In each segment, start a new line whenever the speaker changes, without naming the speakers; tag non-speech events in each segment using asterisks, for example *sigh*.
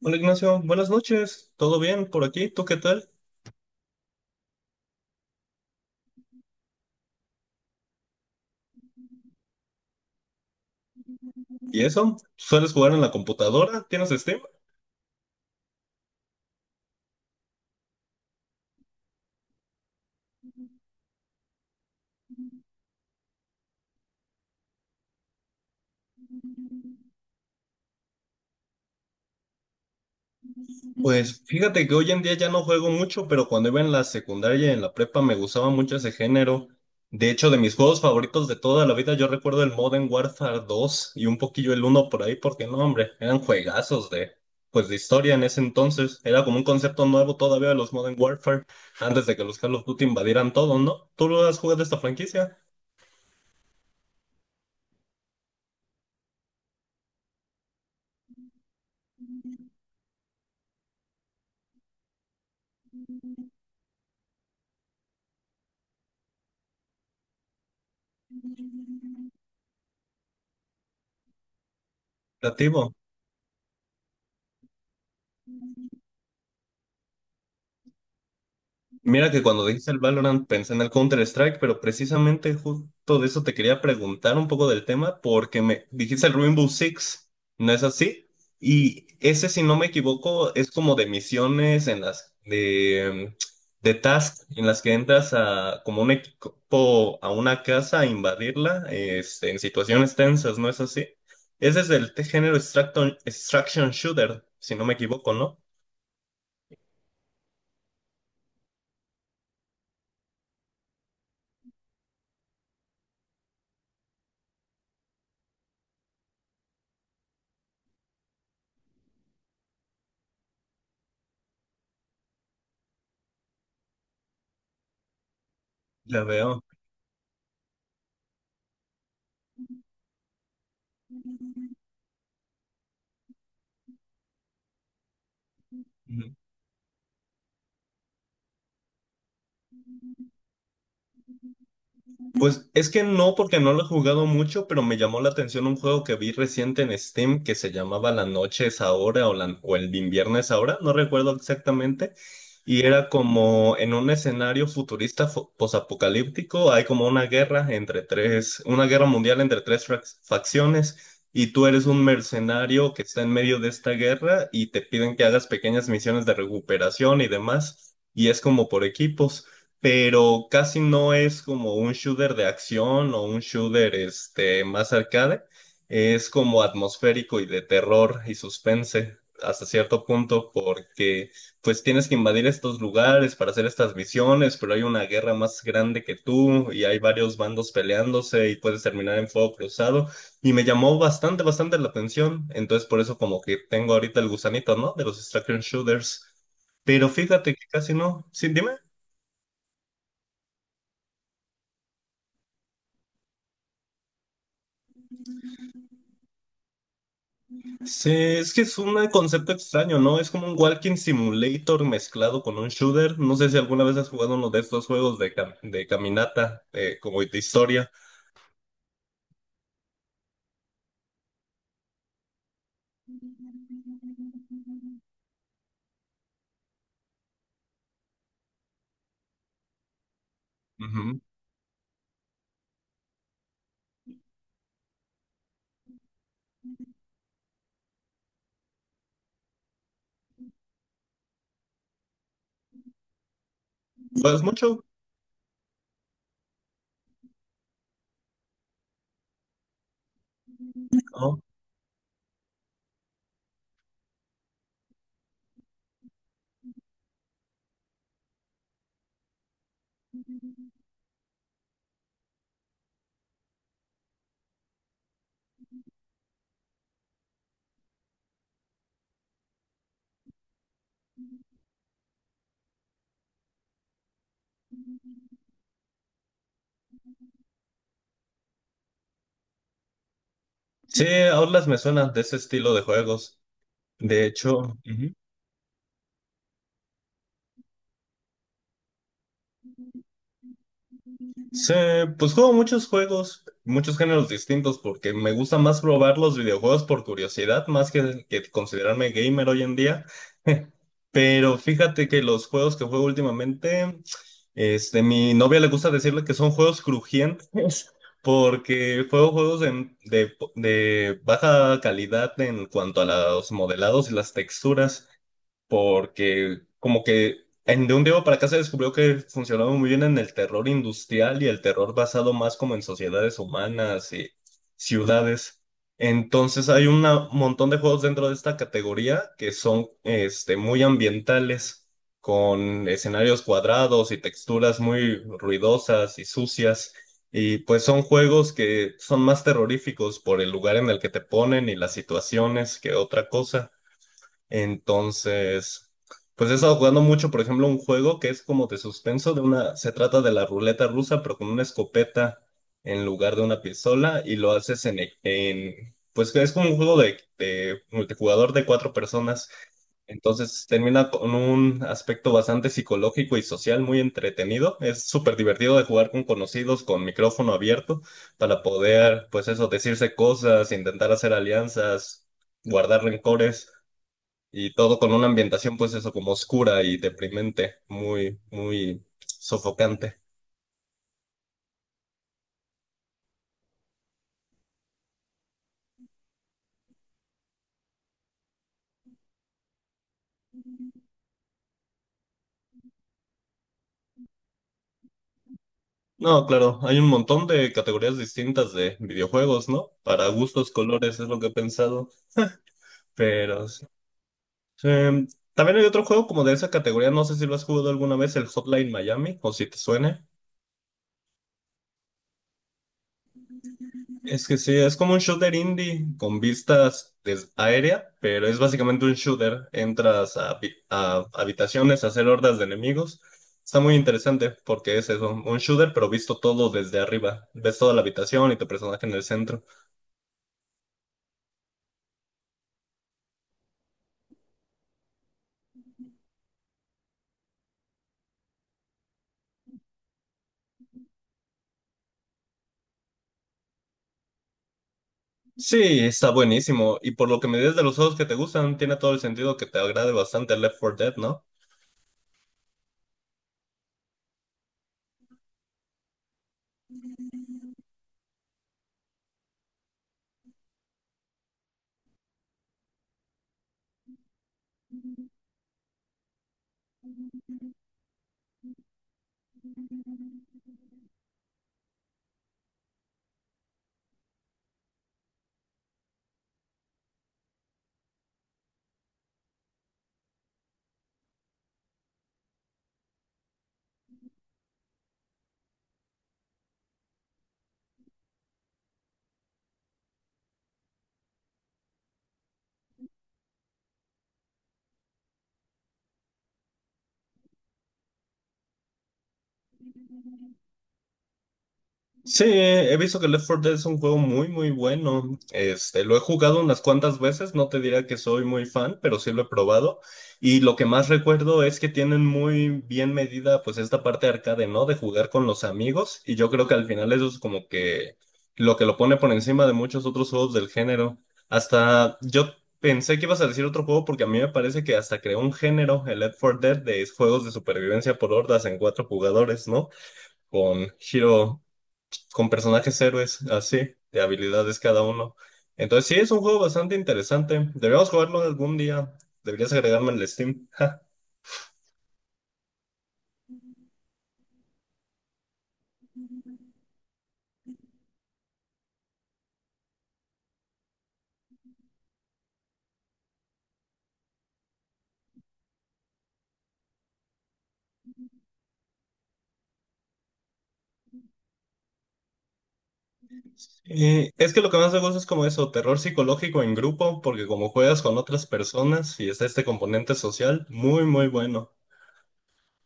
Hola Ignacio, buenas noches. ¿Todo bien por aquí? ¿Tú qué tal? ¿Y eso? ¿Sueles jugar en la computadora? ¿Tienes Steam? Pues fíjate que hoy en día ya no juego mucho, pero cuando iba en la secundaria y en la prepa me gustaba mucho ese género. De hecho, de mis juegos favoritos de toda la vida, yo recuerdo el Modern Warfare 2 y un poquillo el uno por ahí, porque no, hombre, eran juegazos de, pues, de historia en ese entonces. Era como un concepto nuevo todavía de los Modern Warfare, antes de que los Call of Duty invadieran todo, ¿no? ¿Tú lo has jugado esta franquicia? Relativo. Mira que cuando dijiste el Valorant pensé en el Counter-Strike, pero precisamente justo de eso te quería preguntar un poco del tema, porque me dijiste el Rainbow Six, ¿no es así? Y ese, si no me equivoco, es como de misiones en las de tasks en las que entras a como un equipo a una casa a invadirla, este, en situaciones tensas, ¿no es así? Ese es del género extraction, extraction shooter, si no me equivoco, ¿no? La veo. Pues es que no, porque no lo he jugado mucho, pero me llamó la atención un juego que vi reciente en Steam que se llamaba La noche es ahora o, o el invierno es ahora, no recuerdo exactamente. Y era como en un escenario futurista posapocalíptico, hay como una guerra entre tres, una guerra mundial entre tres facciones, y tú eres un mercenario que está en medio de esta guerra y te piden que hagas pequeñas misiones de recuperación y demás, y es como por equipos pero casi no es como un shooter de acción o un shooter este, más arcade, es como atmosférico y de terror y suspense hasta cierto punto porque pues tienes que invadir estos lugares para hacer estas misiones, pero hay una guerra más grande que tú y hay varios bandos peleándose y puedes terminar en fuego cruzado y me llamó bastante, bastante la atención, entonces por eso como que tengo ahorita el gusanito, ¿no? De los extraction shooters, pero fíjate que casi no, sí, dime. Sí, es que es un concepto extraño, ¿no? Es como un walking simulator mezclado con un shooter. No sé si alguna vez has jugado uno de estos juegos de, de caminata, como de historia. Ujú. Pues mucho, ¿no? Sí, Outlast me suena de ese estilo de juegos. De hecho, ujú. Sí, pues juego muchos juegos, muchos géneros distintos, porque me gusta más probar los videojuegos por curiosidad, más que considerarme gamer hoy en día. *laughs* Pero fíjate que los juegos que juego últimamente, este, mi novia le gusta decirle que son juegos crujientes, porque juego juegos de, de baja calidad en cuanto a los modelados y las texturas porque como que en, de un día para acá se descubrió que funcionaba muy bien en el terror industrial y el terror basado más como en sociedades humanas y ciudades. Entonces hay un montón de juegos dentro de esta categoría que son este, muy ambientales, con escenarios cuadrados y texturas muy ruidosas y sucias. Y pues son juegos que son más terroríficos por el lugar en el que te ponen y las situaciones que otra cosa. Entonces, pues he estado jugando mucho, por ejemplo, un juego que es como de suspenso, de una, se trata de la ruleta rusa, pero con una escopeta en lugar de una pistola, y lo haces en, en pues es como un juego de multijugador de cuatro personas. Entonces termina con un aspecto bastante psicológico y social muy entretenido. Es súper divertido de jugar con conocidos, con micrófono abierto, para poder, pues eso, decirse cosas, intentar hacer alianzas, guardar rencores. Y todo con una ambientación, pues eso, como oscura y deprimente, muy, muy sofocante. No, claro, hay un montón de categorías distintas de videojuegos, ¿no? Para gustos, colores, es lo que he pensado, pero sí. Sí, también hay otro juego como de esa categoría, no sé si lo has jugado alguna vez, el Hotline Miami, o si te suene. Es que sí, es como un shooter indie con vistas aérea, pero es básicamente un shooter. Entras a, a habitaciones a hacer hordas de enemigos. Está muy interesante porque es eso, un shooter, pero visto todo desde arriba. Ves toda la habitación y tu personaje en el centro. Sí, está buenísimo. Y por lo que me dices de los juegos que te gustan, tiene todo el sentido que te agrade bastante Left 4 Dead, ¿no? Sí, he visto que Left 4 Dead es un juego muy, muy bueno. Este, lo he jugado unas cuantas veces, no te diría que soy muy fan, pero sí lo he probado. Y lo que más recuerdo es que tienen muy bien medida, pues, esta parte arcade, ¿no? De jugar con los amigos. Y yo creo que al final eso es como que lo pone por encima de muchos otros juegos del género. Hasta yo pensé que ibas a decir otro juego porque a mí me parece que hasta creó un género, el Left 4 Dead, de juegos de supervivencia por hordas en cuatro jugadores, ¿no? Con Hero con personajes héroes, así, de habilidades cada uno. Entonces sí, es un juego bastante interesante. Deberíamos jugarlo algún día. Deberías agregarme en el Steam. Ja. Y es que lo que más me gusta es como eso, terror psicológico en grupo, porque como juegas con otras personas y está este componente social, muy, muy bueno.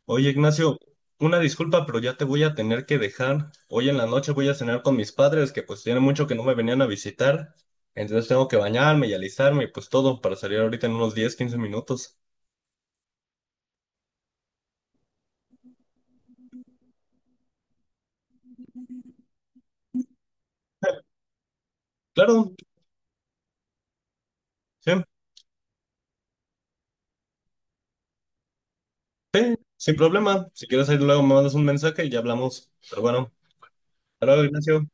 Oye, Ignacio, una disculpa, pero ya te voy a tener que dejar. Hoy en la noche voy a cenar con mis padres, que pues tiene mucho que no me venían a visitar. Entonces tengo que bañarme y alistarme y pues todo para salir ahorita en unos 10 15 minutos. Claro, sí, sin problema. Si quieres, ahí luego me mandas un mensaje y ya hablamos. Pero bueno, hasta luego, Ignacio.